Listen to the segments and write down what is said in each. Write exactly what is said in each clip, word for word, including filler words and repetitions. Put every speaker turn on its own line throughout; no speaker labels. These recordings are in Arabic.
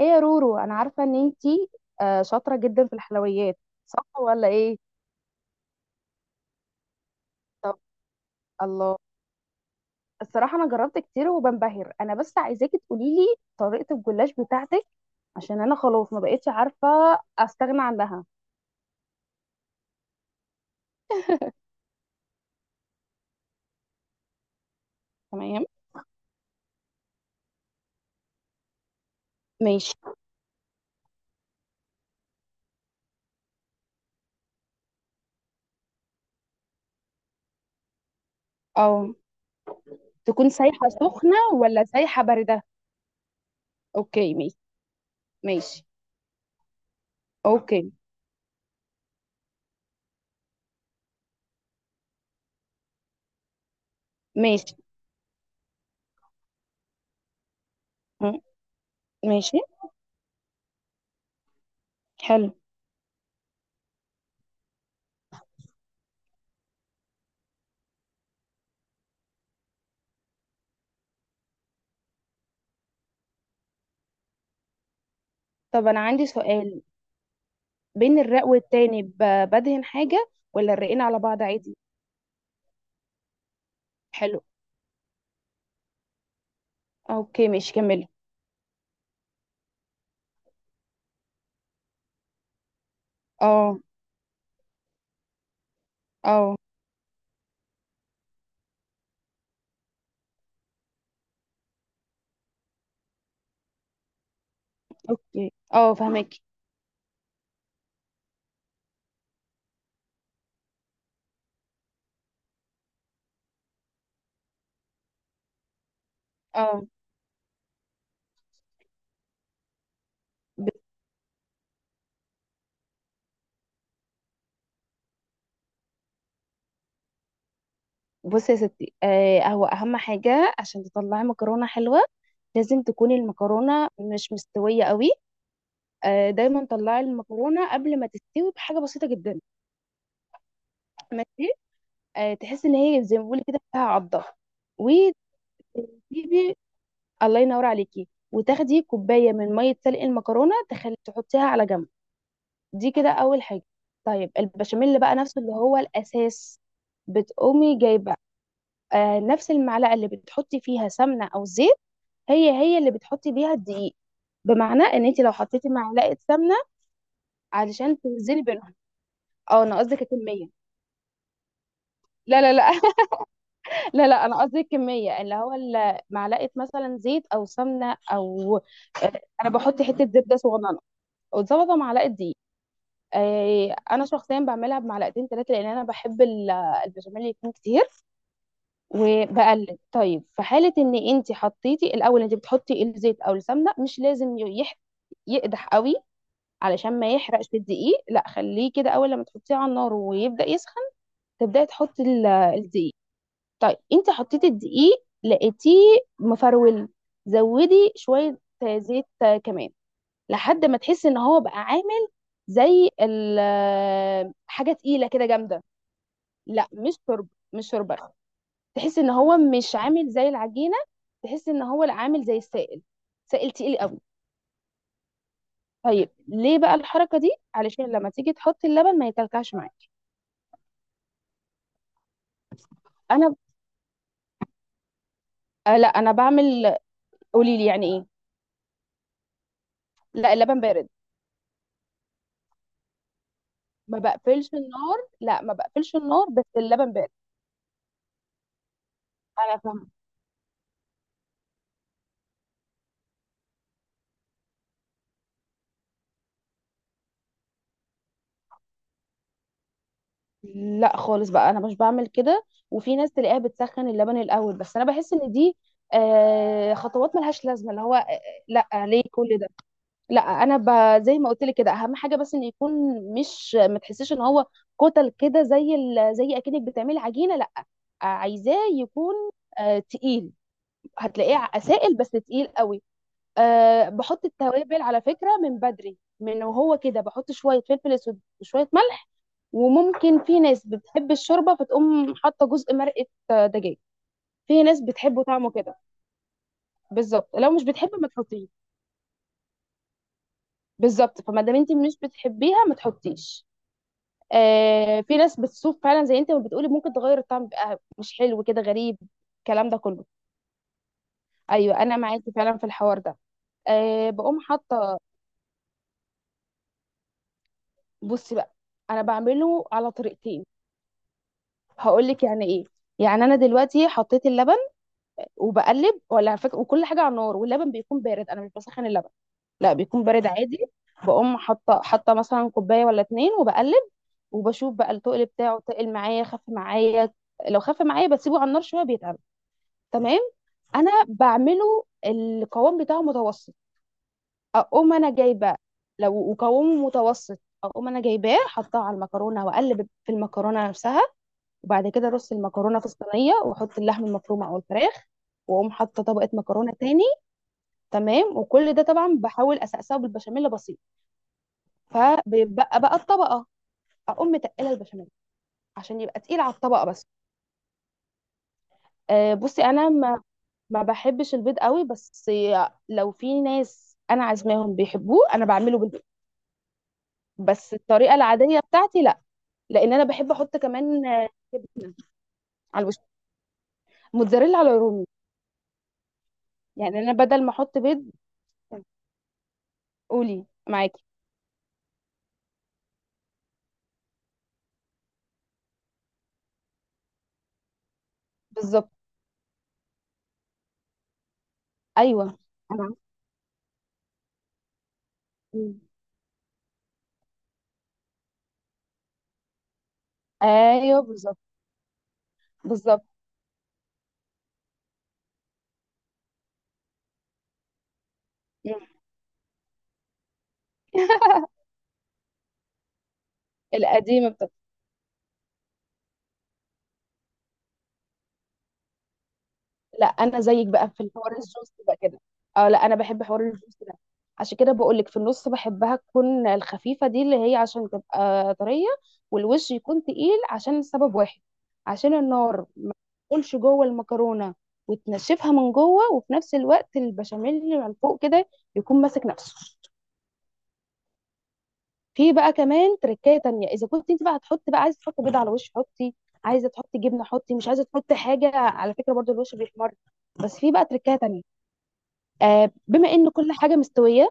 ايه يا رورو، انا عارفه ان انتي آه، شاطره جدا في الحلويات. صح ولا ايه؟ طب الله، الصراحه انا جربت كتير وبنبهر انا، بس عايزاكي تقولي لي طريقه الجلاش بتاعتك، عشان انا خلاص ما بقتش عارفه استغنى عنها. تمام ماشي. اه تكون سايحه سخنه ولا سايحه بارده؟ اوكي ماشي. ماشي اوكي ماشي. م- ماشي حلو. طب انا عندي سؤال، بين الرق والتاني ب- بدهن حاجه ولا الرقين على بعض عادي؟ حلو اوكي ماشي كملي. اه اه اوكي اه فهمك. اه ب- بصي يا ستي، آه هو اهم حاجه عشان تطلعي مكرونه حلوه لازم تكون المكرونه مش مستويه قوي. آه دايما طلعي المكرونه قبل ما تستوي بحاجه بسيطه جدا. ماشي آه تحسي ان هي زي ما بقول كده فيها عضه. وتجيبي الله ينور عليكي، وتاخدي كوبايه من ميه سلق المكرونه تخلي تحطيها على جنب. دي كده اول حاجه. طيب البشاميل بقى نفسه اللي هو الاساس بتقومي جايبه آه نفس المعلقه اللي بتحطي فيها سمنه او زيت، هي هي اللي بتحطي بيها الدقيق. بمعنى ان انت لو حطيتي معلقه سمنه، علشان توزني بينهم. اه انا قصدي كميه. لا لا لا لا لا، انا قصدي الكميه، اللي هو ال- معلقه مثلا زيت او سمنه او انا بحط حته زبده صغننه وزبده معلقه دقيق. آه، انا شخصيا بعملها بمعلقتين ثلاثه، لان انا بحب ال- البشاميل يكون كتير. وبقلب طيب. في حالة ان انت حطيتي الاول، انت بتحطي الزيت او السمنة مش لازم يح... يقدح قوي، علشان ما يحرقش الدقيق. لا خليه كده، اول لما تحطيه على النار ويبدأ يسخن تبدأي تحطي ال- الدقيق. طيب انت حطيتي الدقيق لقيتيه مفرول، زودي شوية زيت كمان لحد ما تحسي ان هو بقى عامل زي ال- حاجة تقيلة كده جامدة. لا مش شوربة، مش شوربة. تحس ان هو مش عامل زي العجينه، تحس ان هو لا عامل زي السائل، سائل تقيل قوي. طيب ليه بقى الحركه دي؟ علشان لما تيجي تحط اللبن ما يكلكعش معاك. انا آه لا انا بعمل قولي لي يعني ايه؟ لا اللبن بارد، ما بقفلش النار، لا ما بقفلش النار، بس اللبن بارد. انا فاهمه. لا خالص بقى انا مش بعمل كده. وفي ناس تلاقيها بتسخن اللبن الاول، بس انا بحس ان دي آه خطوات ملهاش لازمه، اللي هو آه آه، لا ليه كل ده. لا انا ب... زي ما قلت لك كده، اهم حاجه بس ان يكون مش ما تحسيش ان هو كتل كده، زي ال... زي اكنك بتعملي عجينه. لا عايزاه يكون آه تقيل، هتلاقيه ع- سائل بس تقيل قوي. آه بحط التوابل على فكره من بدري، من وهو كده بحط شويه فلفل اسود وشويه ملح. وممكن في ناس بتحب الشوربه فتقوم حاطه جزء مرقه آه، دجاج. في ناس بتحبه طعمه كده. بالظبط، لو مش بتحبه ما تحطيه. بالظبط، فما دام انت مش بتحبيها ما تحطيش. آه في ناس بتسوق فعلا زي انت ما بتقولي، ممكن تغير الطعم بقى مش حلو كده غريب، الكلام ده كله. ايوه انا معاكي فعلا في الحوار ده. آه بقوم حاطه، بصي بقى انا بعمله على طريقتين، هقول لك يعني ايه. يعني انا دلوقتي حطيت اللبن وبقلب ولا على فكره، وكل حاجه على النار واللبن بيكون بارد، انا مش بسخن اللبن، لا بيكون بارد عادي. بقوم حاطه، حاطه مثلا كوبايه ولا اتنين وبقلب، وبشوف بقى التقل بتاعه تقل معايا خف معايا. لو خف معايا بسيبه على النار شويه بيتقل. تمام. انا بعمله القوام بتاعه متوسط، اقوم انا جايبه لو قوامه متوسط، اقوم انا جايباه حطاه على المكرونه واقلب في المكرونه نفسها. وبعد كده ارص المكرونه في الصينيه واحط اللحم المفروم او الفراخ، واقوم حاطه طبقه مكرونه تاني. تمام. وكل ده طبعا بحاول اسقسه بالبشاميل بسيط، فبيبقى بقى الطبقه، اقوم متقله البشاميل عشان يبقى تقيل على الطبقه بس. أه بصي انا ما ما بحبش البيض قوي، بس لو في ناس انا عازماهم بيحبوه انا بعمله، بس الطريقه العاديه بتاعتي لا، لان انا بحب احط كمان آه، جبنه على الوش، موتزاريلا على رومي، يعني انا بدل ما احط بيض. قولي معاكي. بالظبط ايوه انا عارفة. مم. ايوه بالظبط. بالظبط مم. القديمه. لا انا زيك بقى في الحوار الجوس بقى كده. اه لا انا بحب حوار الجوس ده. عشان كده بقول لك في النص بحبها تكون الخفيفه دي اللي هي عشان تبقى طريه، والوش يكون تقيل عشان سبب واحد، عشان النار ما تدخلش جوه المكرونه وتنشفها من جوه، وفي نفس الوقت البشاميل اللي من فوق كده يكون ماسك نفسه. في بقى كمان تركايه تانية، اذا كنت انت بقى هتحطي بقى عايزه تحطي بيض على الوش حطي، عايزه تحطي جبنه حطي، مش عايزه تحطي حاجه على فكره برضو الوش بيحمر. بس في بقى تركايه تانية. آه بما ان كل حاجه مستويه،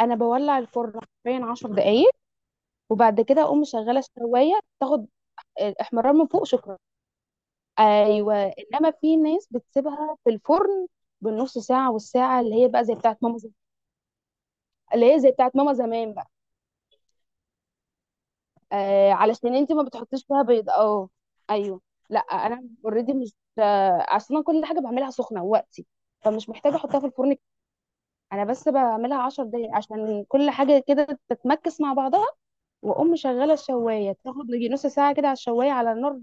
انا بولع الفرن حرفيا عشر دقائق، وبعد كده اقوم مشغله الشوايه تاخد الاحمرار من فوق. شكرا. ايوه انما في ناس بتسيبها في الفرن بالنص ساعه والساعه، اللي هي بقى زي بتاعت ماما زمان. اللي هي زي بتاعت ماما زمان بقى. آه علشان انت ما بتحطيش فيها بيض اه. ايوه لا انا اوريدي مش آه، اصلا كل حاجه بعملها سخنه وقتي، فمش محتاجه احطها في الفرن. انا بس بعملها عشر دقايق عشان كل حاجه كده تتمكس مع بعضها. واقوم مشغله الشوايه تاخد يجي نص ساعه كده على الشوايه على نار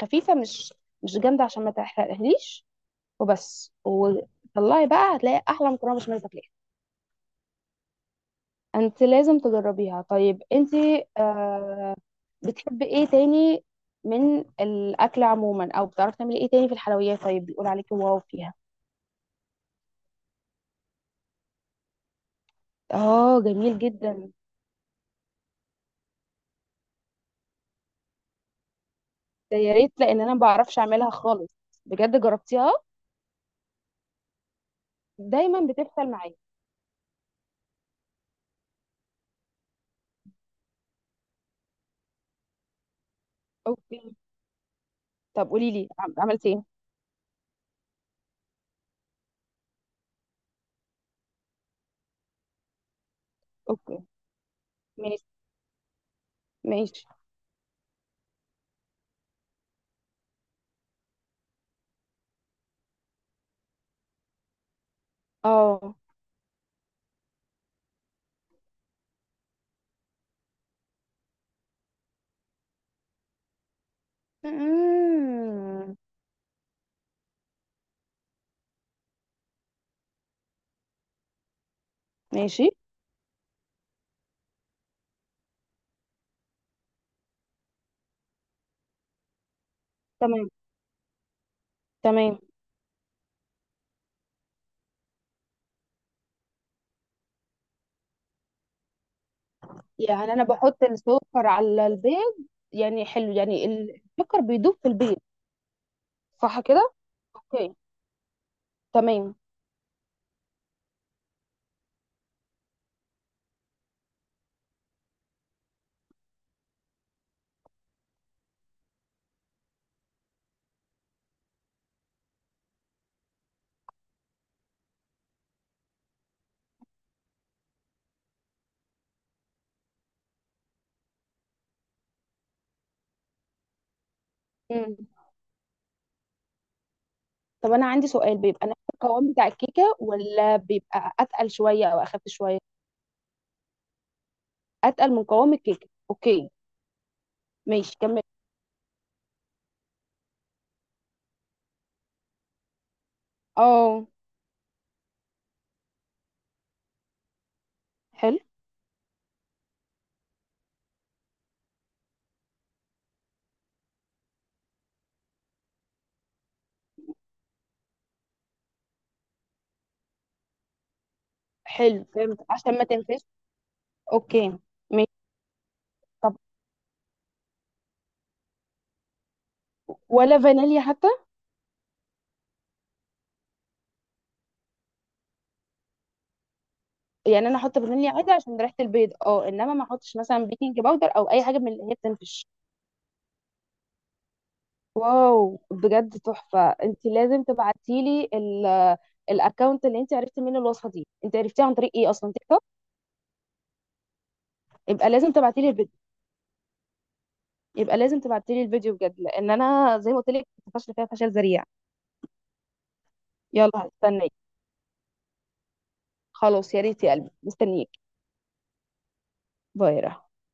خفيفه، مش مش جامده عشان ما تحرقهاليش. وبس وطلعي بقى هتلاقي احلى مكرونه بشاميل تاكليها. انت لازم تجربيها. طيب انت آه بتحبي ايه تاني من الاكل عموما؟ او بتعرفي تعملي ايه تاني في الحلويات؟ طيب بيقول عليكي واو فيها. اه جميل جدا. ده يا ريت، لان انا ما بعرفش اعملها خالص. بجد جربتيها؟ دايما بتفشل معايا. اوكي. طب قولي لي، عملتي ايه؟ اوكي ماشي. ماشي اه. مم. ماشي تمام. تمام يعني انا بحط السكر على البيض، يعني حلو يعني ال- السكر بيدوب في البيض. صح كده؟ اوكي تمام. مم. طب انا عندي سؤال، بيبقى نفس القوام بتاع الكيكه ولا بيبقى اتقل شويه او اخف شويه؟ اتقل من قوام الكيكه اوكي. ماشي كمل. اه حلو. حلو فهمت عشان ما تنفش. اوكي ماشي. طب ولا فانيليا حتى؟ يعني انا احط فانيليا عادي عشان ريحه البيض اه، انما ما احطش مثلا بيكنج باودر او اي حاجه من اللي هي بتنفش. واو بجد تحفه، انت لازم تبعتي لي الاكونت اللي انت عرفتي منه الوصفه دي. انت عرفتيها عن طريق ايه اصلا، تيك توك؟ يبقى لازم تبعتي لي الفيديو. يبقى لازم تبعتي لي الفيديو بجد، لان انا زي ما قلت لك فاشله فيها فشل ذريع. يلا هستناك. خلاص يا ريت يا قلبي، مستنيك. باي يا رحمة.